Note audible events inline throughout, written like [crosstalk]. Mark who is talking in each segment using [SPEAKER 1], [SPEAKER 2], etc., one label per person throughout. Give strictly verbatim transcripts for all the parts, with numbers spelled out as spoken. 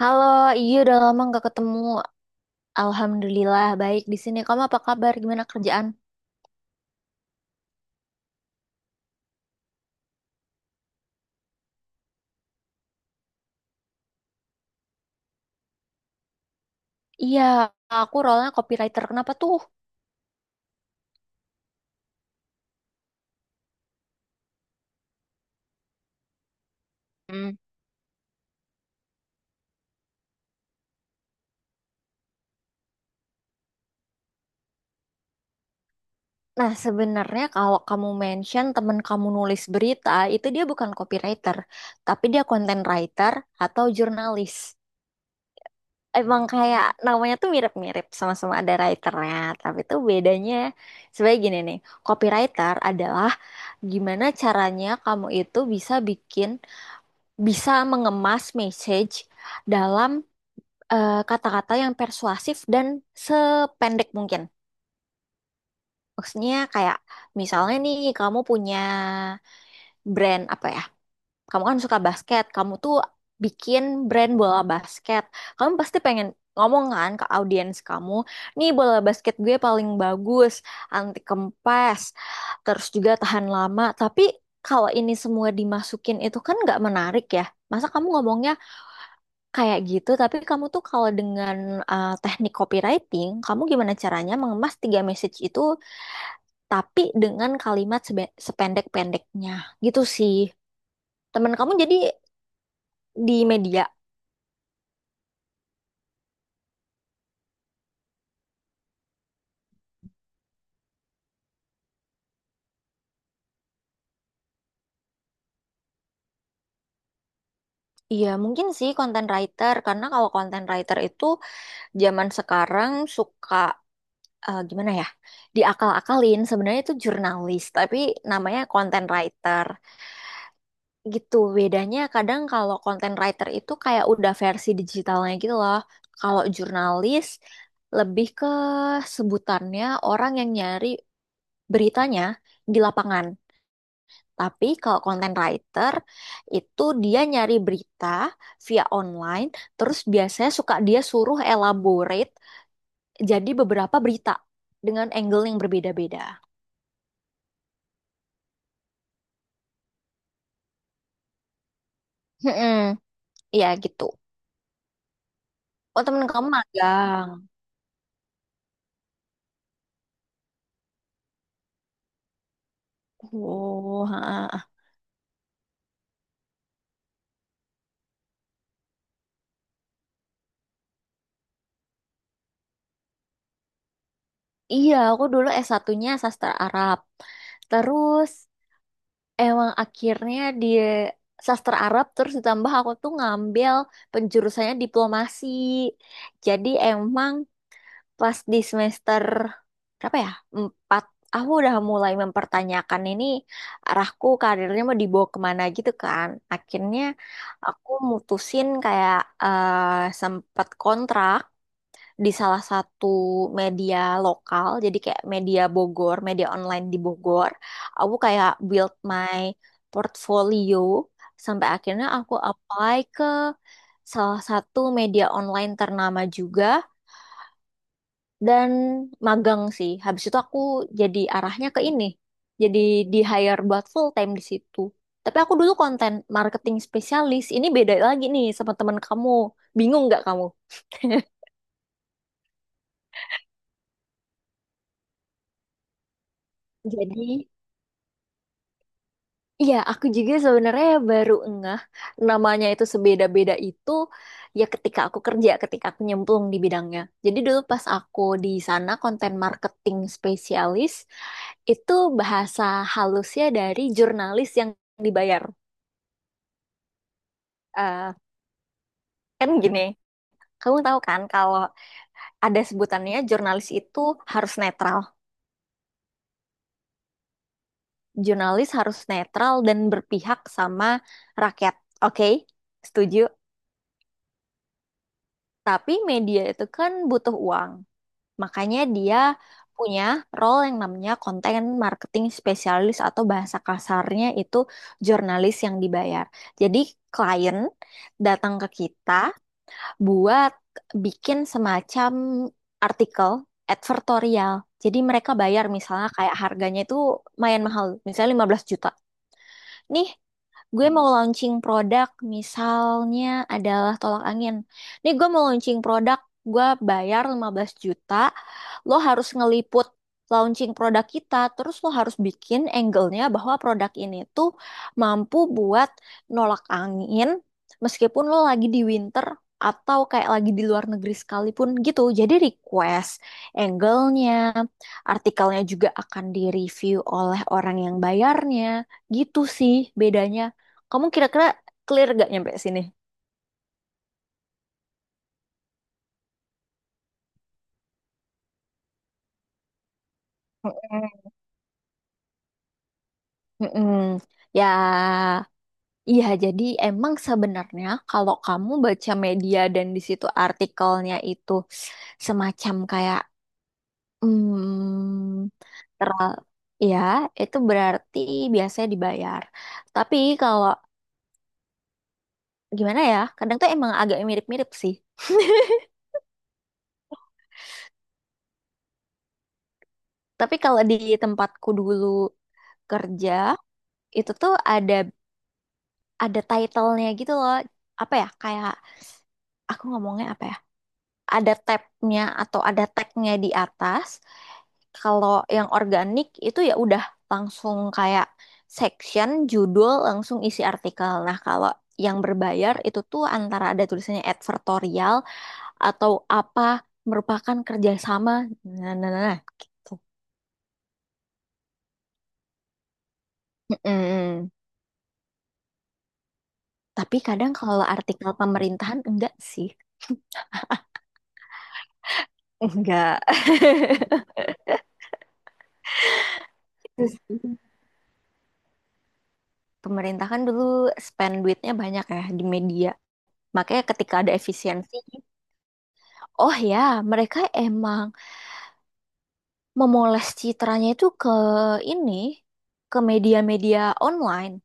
[SPEAKER 1] Halo, iya udah lama nggak ketemu. Alhamdulillah baik di sini. Kamu apa kabar? Gimana kerjaan? Iya, aku role copywriter. Kenapa tuh? Hmm. Nah, sebenarnya kalau kamu mention temen kamu nulis berita, itu dia bukan copywriter, tapi dia content writer atau jurnalis. Emang kayak namanya tuh mirip-mirip, sama-sama ada writernya, tapi tuh bedanya sebagai gini nih, copywriter adalah gimana caranya kamu itu bisa bikin bisa mengemas message dalam eh, kata-kata yang persuasif dan sependek mungkin. Maksudnya kayak misalnya nih kamu punya brand apa ya? Kamu kan suka basket, kamu tuh bikin brand bola basket. Kamu pasti pengen ngomong kan ke audiens kamu, nih bola basket gue paling bagus, anti kempes, terus juga tahan lama. Tapi kalau ini semua dimasukin itu kan nggak menarik ya. Masa kamu ngomongnya kayak gitu, tapi kamu tuh kalau dengan uh, teknik copywriting, kamu gimana caranya mengemas tiga message itu tapi dengan kalimat sebe- sependek-pendeknya. Gitu sih. Temen kamu jadi di media. Iya, mungkin sih content writer karena kalau content writer itu zaman sekarang suka uh, gimana ya? Diakal-akalin sebenarnya itu jurnalis, tapi namanya content writer. Gitu bedanya, kadang kalau content writer itu kayak udah versi digitalnya gitu loh, kalau jurnalis lebih ke sebutannya orang yang nyari beritanya di lapangan, tapi kalau content writer itu dia nyari berita via online, terus biasanya suka dia suruh elaborate jadi beberapa berita dengan angle yang berbeda-beda. Mm-mm. Iya gitu. Oh temen kamu magang. Oh ha, iya, aku dulu s satunya sastra Arab. Terus emang akhirnya di sastra Arab terus ditambah aku tuh ngambil penjurusannya diplomasi. Jadi emang pas di semester berapa ya? Empat. Aku udah mulai mempertanyakan ini arahku karirnya mau dibawa kemana gitu kan. Akhirnya aku mutusin kayak sempat kontrak di salah satu media lokal, jadi kayak media Bogor, media online di Bogor. Aku kayak build my portfolio sampai akhirnya aku apply ke salah satu media online ternama juga dan magang sih. Habis itu aku jadi arahnya ke ini. Jadi di hire buat full time di situ. Tapi aku dulu konten marketing spesialis. Ini beda lagi nih sama teman kamu. Bingung nggak kamu? [laughs] Jadi iya, aku juga sebenarnya baru ngeh namanya itu sebeda-beda itu ya ketika aku kerja, ketika aku nyemplung di bidangnya. Jadi dulu pas aku di sana konten marketing spesialis, itu bahasa halusnya dari jurnalis yang dibayar. Eh, kan gini, kamu tahu kan kalau ada sebutannya jurnalis itu harus netral. Jurnalis harus netral dan berpihak sama rakyat. Oke, setuju. Tapi media itu kan butuh uang. Makanya dia punya role yang namanya content marketing spesialis atau bahasa kasarnya itu jurnalis yang dibayar. Jadi klien datang ke kita buat bikin semacam artikel advertorial. Jadi mereka bayar misalnya kayak harganya itu lumayan mahal, misalnya lima belas juta. Nih gue mau launching produk misalnya adalah tolak angin. Nih gue mau launching produk, gue bayar lima belas juta, lo harus ngeliput launching produk kita, terus lo harus bikin angle-nya bahwa produk ini tuh mampu buat nolak angin meskipun lo lagi di winter atau kayak lagi di luar negeri sekalipun gitu. Jadi request angle-nya, artikelnya juga akan direview oleh orang yang bayarnya. Gitu sih bedanya. Kamu kira-kira clear gak nyampe sini? Mm-mm. Mm-mm. Ya, iya. Jadi emang sebenarnya kalau kamu baca media dan di situ artikelnya itu semacam kayak, hmm, teral, ya, itu berarti biasanya dibayar. Tapi kalau gimana ya, kadang tuh emang agak mirip-mirip sih. Tapi kalau di tempatku dulu kerja, itu tuh ada ada title-nya gitu loh. Apa ya, kayak aku ngomongnya apa ya? Ada tabnya atau ada tagnya di atas. Kalau yang organik itu ya udah langsung kayak section, judul, langsung isi artikel. Nah, kalau yang berbayar itu tuh antara ada tulisannya advertorial atau apa merupakan kerjasama. Nah, nah, nah, nah, gitu. Mm-mm. Tapi kadang kalau artikel pemerintahan enggak sih. Enggak. [laughs] Itu sih. Pemerintah kan dulu spend duitnya banyak ya di media. Makanya ketika ada efisiensi, oh ya, mereka emang memoles citranya itu ke ini, ke media-media online.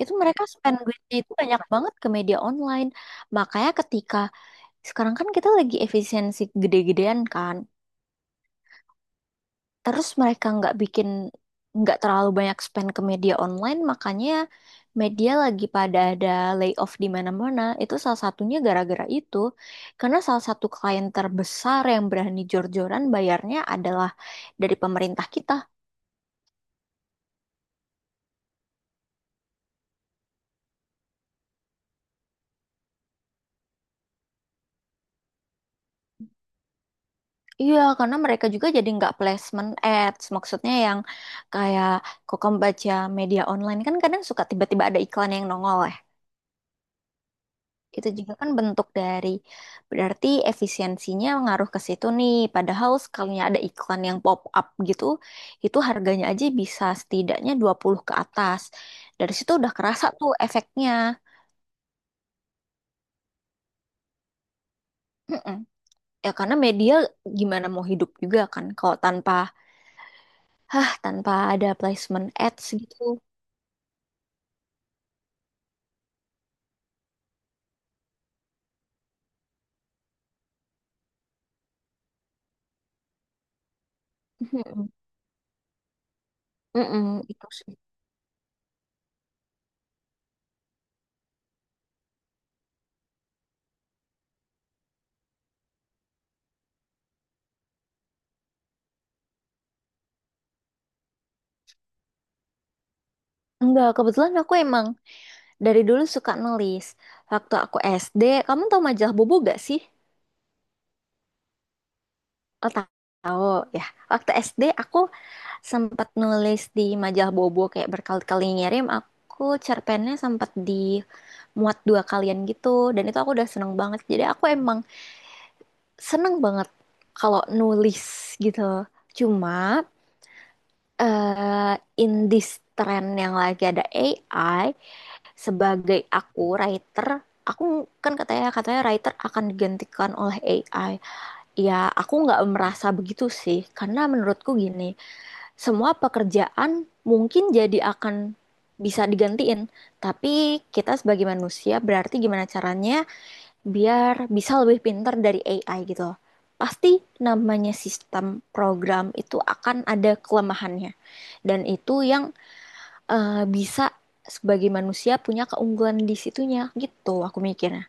[SPEAKER 1] Itu mereka spend duitnya itu banyak banget ke media online. Makanya ketika sekarang kan kita lagi efisiensi gede-gedean kan, terus mereka nggak bikin nggak terlalu banyak spend ke media online makanya media lagi pada ada layoff di mana-mana, itu salah satunya gara-gara itu karena salah satu klien terbesar yang berani jor-joran bayarnya adalah dari pemerintah kita. Iya karena mereka juga jadi nggak placement ads maksudnya yang kayak kok kamu baca media online kan kadang suka tiba-tiba ada iklan yang nongol ya. Itu juga kan bentuk dari berarti efisiensinya ngaruh ke situ nih. Padahal sekalinya ada iklan yang pop up gitu, itu harganya aja bisa setidaknya dua puluh ke atas. Dari situ udah kerasa tuh efeknya. Mm-mm. Ya karena media gimana mau hidup juga kan kalau tanpa hah tanpa ada placement ads gitu. Mm-mm. Mm-mm, itu sih. Enggak, kebetulan aku emang dari dulu suka nulis. Waktu aku S D, kamu tahu majalah Bobo gak sih? Oh, ta- tahu ya. Waktu S D aku sempat nulis di majalah Bobo kayak berkali-kali ngirim. Aku cerpennya sempat dimuat dua kalian gitu. Dan itu aku udah seneng banget. Jadi aku emang seneng banget kalau nulis gitu. Cuma eh in this trend yang lagi ada A I, sebagai aku writer, aku kan katanya katanya writer akan digantikan oleh A I. Ya, aku nggak merasa begitu sih, karena menurutku gini, semua pekerjaan mungkin jadi akan bisa digantiin, tapi kita sebagai manusia berarti gimana caranya biar bisa lebih pintar dari A I gitu loh. Pasti namanya sistem program itu akan ada kelemahannya, dan itu yang eh, bisa sebagai manusia punya keunggulan di situnya gitu, aku mikirnya.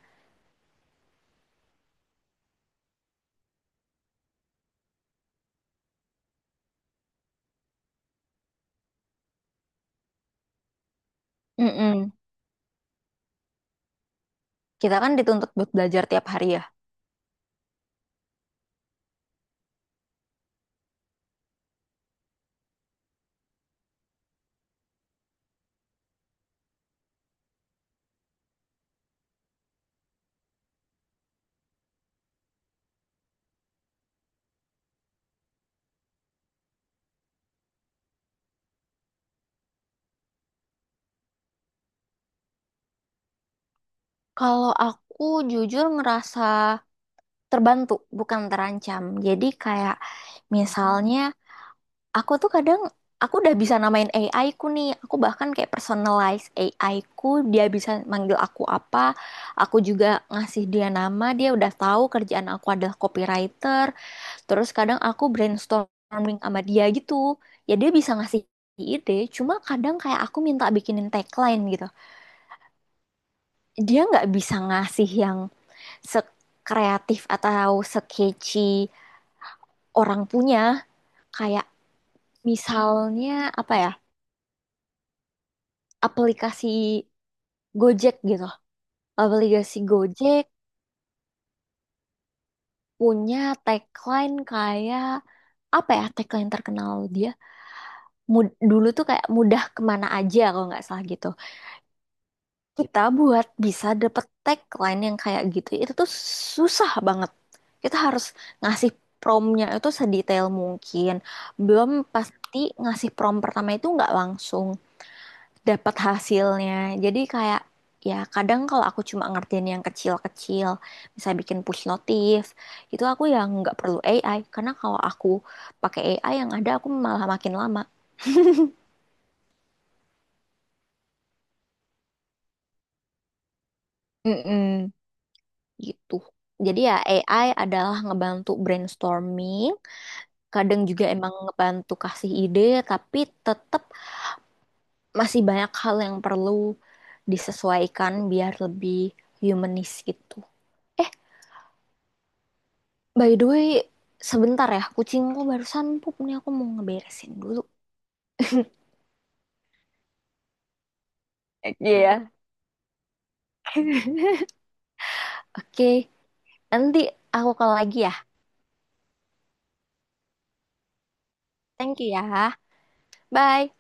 [SPEAKER 1] Mm-mm. Kita kan dituntut buat belajar tiap hari ya. Kalau aku jujur ngerasa terbantu, bukan terancam. Jadi kayak misalnya aku tuh kadang aku udah bisa namain A I ku nih. Aku bahkan kayak personalize A I ku, dia bisa manggil aku apa. Aku juga ngasih dia nama, dia udah tahu kerjaan aku adalah copywriter. Terus kadang aku brainstorming sama dia gitu. Ya dia bisa ngasih ide, cuma kadang kayak aku minta bikinin tagline gitu. Dia nggak bisa ngasih yang sekreatif atau sekeci orang punya kayak misalnya apa ya aplikasi Gojek gitu, aplikasi Gojek punya tagline kayak apa ya, tagline terkenal dia Mud- dulu tuh kayak mudah kemana aja kalau nggak salah gitu. Kita buat bisa dapet tagline yang kayak gitu itu tuh susah banget, kita harus ngasih promnya itu sedetail mungkin, belum pasti ngasih prom pertama itu nggak langsung dapat hasilnya. Jadi kayak ya kadang kalau aku cuma ngertiin yang kecil-kecil misalnya bikin push notif itu aku yang nggak perlu A I karena kalau aku pakai A I yang ada aku malah makin lama. Mm-mm. Gitu, jadi ya A I adalah ngebantu brainstorming. Kadang juga emang ngebantu kasih ide, tapi tetap masih banyak hal yang perlu disesuaikan biar lebih humanis gitu. Eh, by the way, sebentar ya, kucingku barusan pup nih aku mau ngeberesin dulu. Oke ya. Oke, nanti aku call lagi ya. Thank you ya. Bye.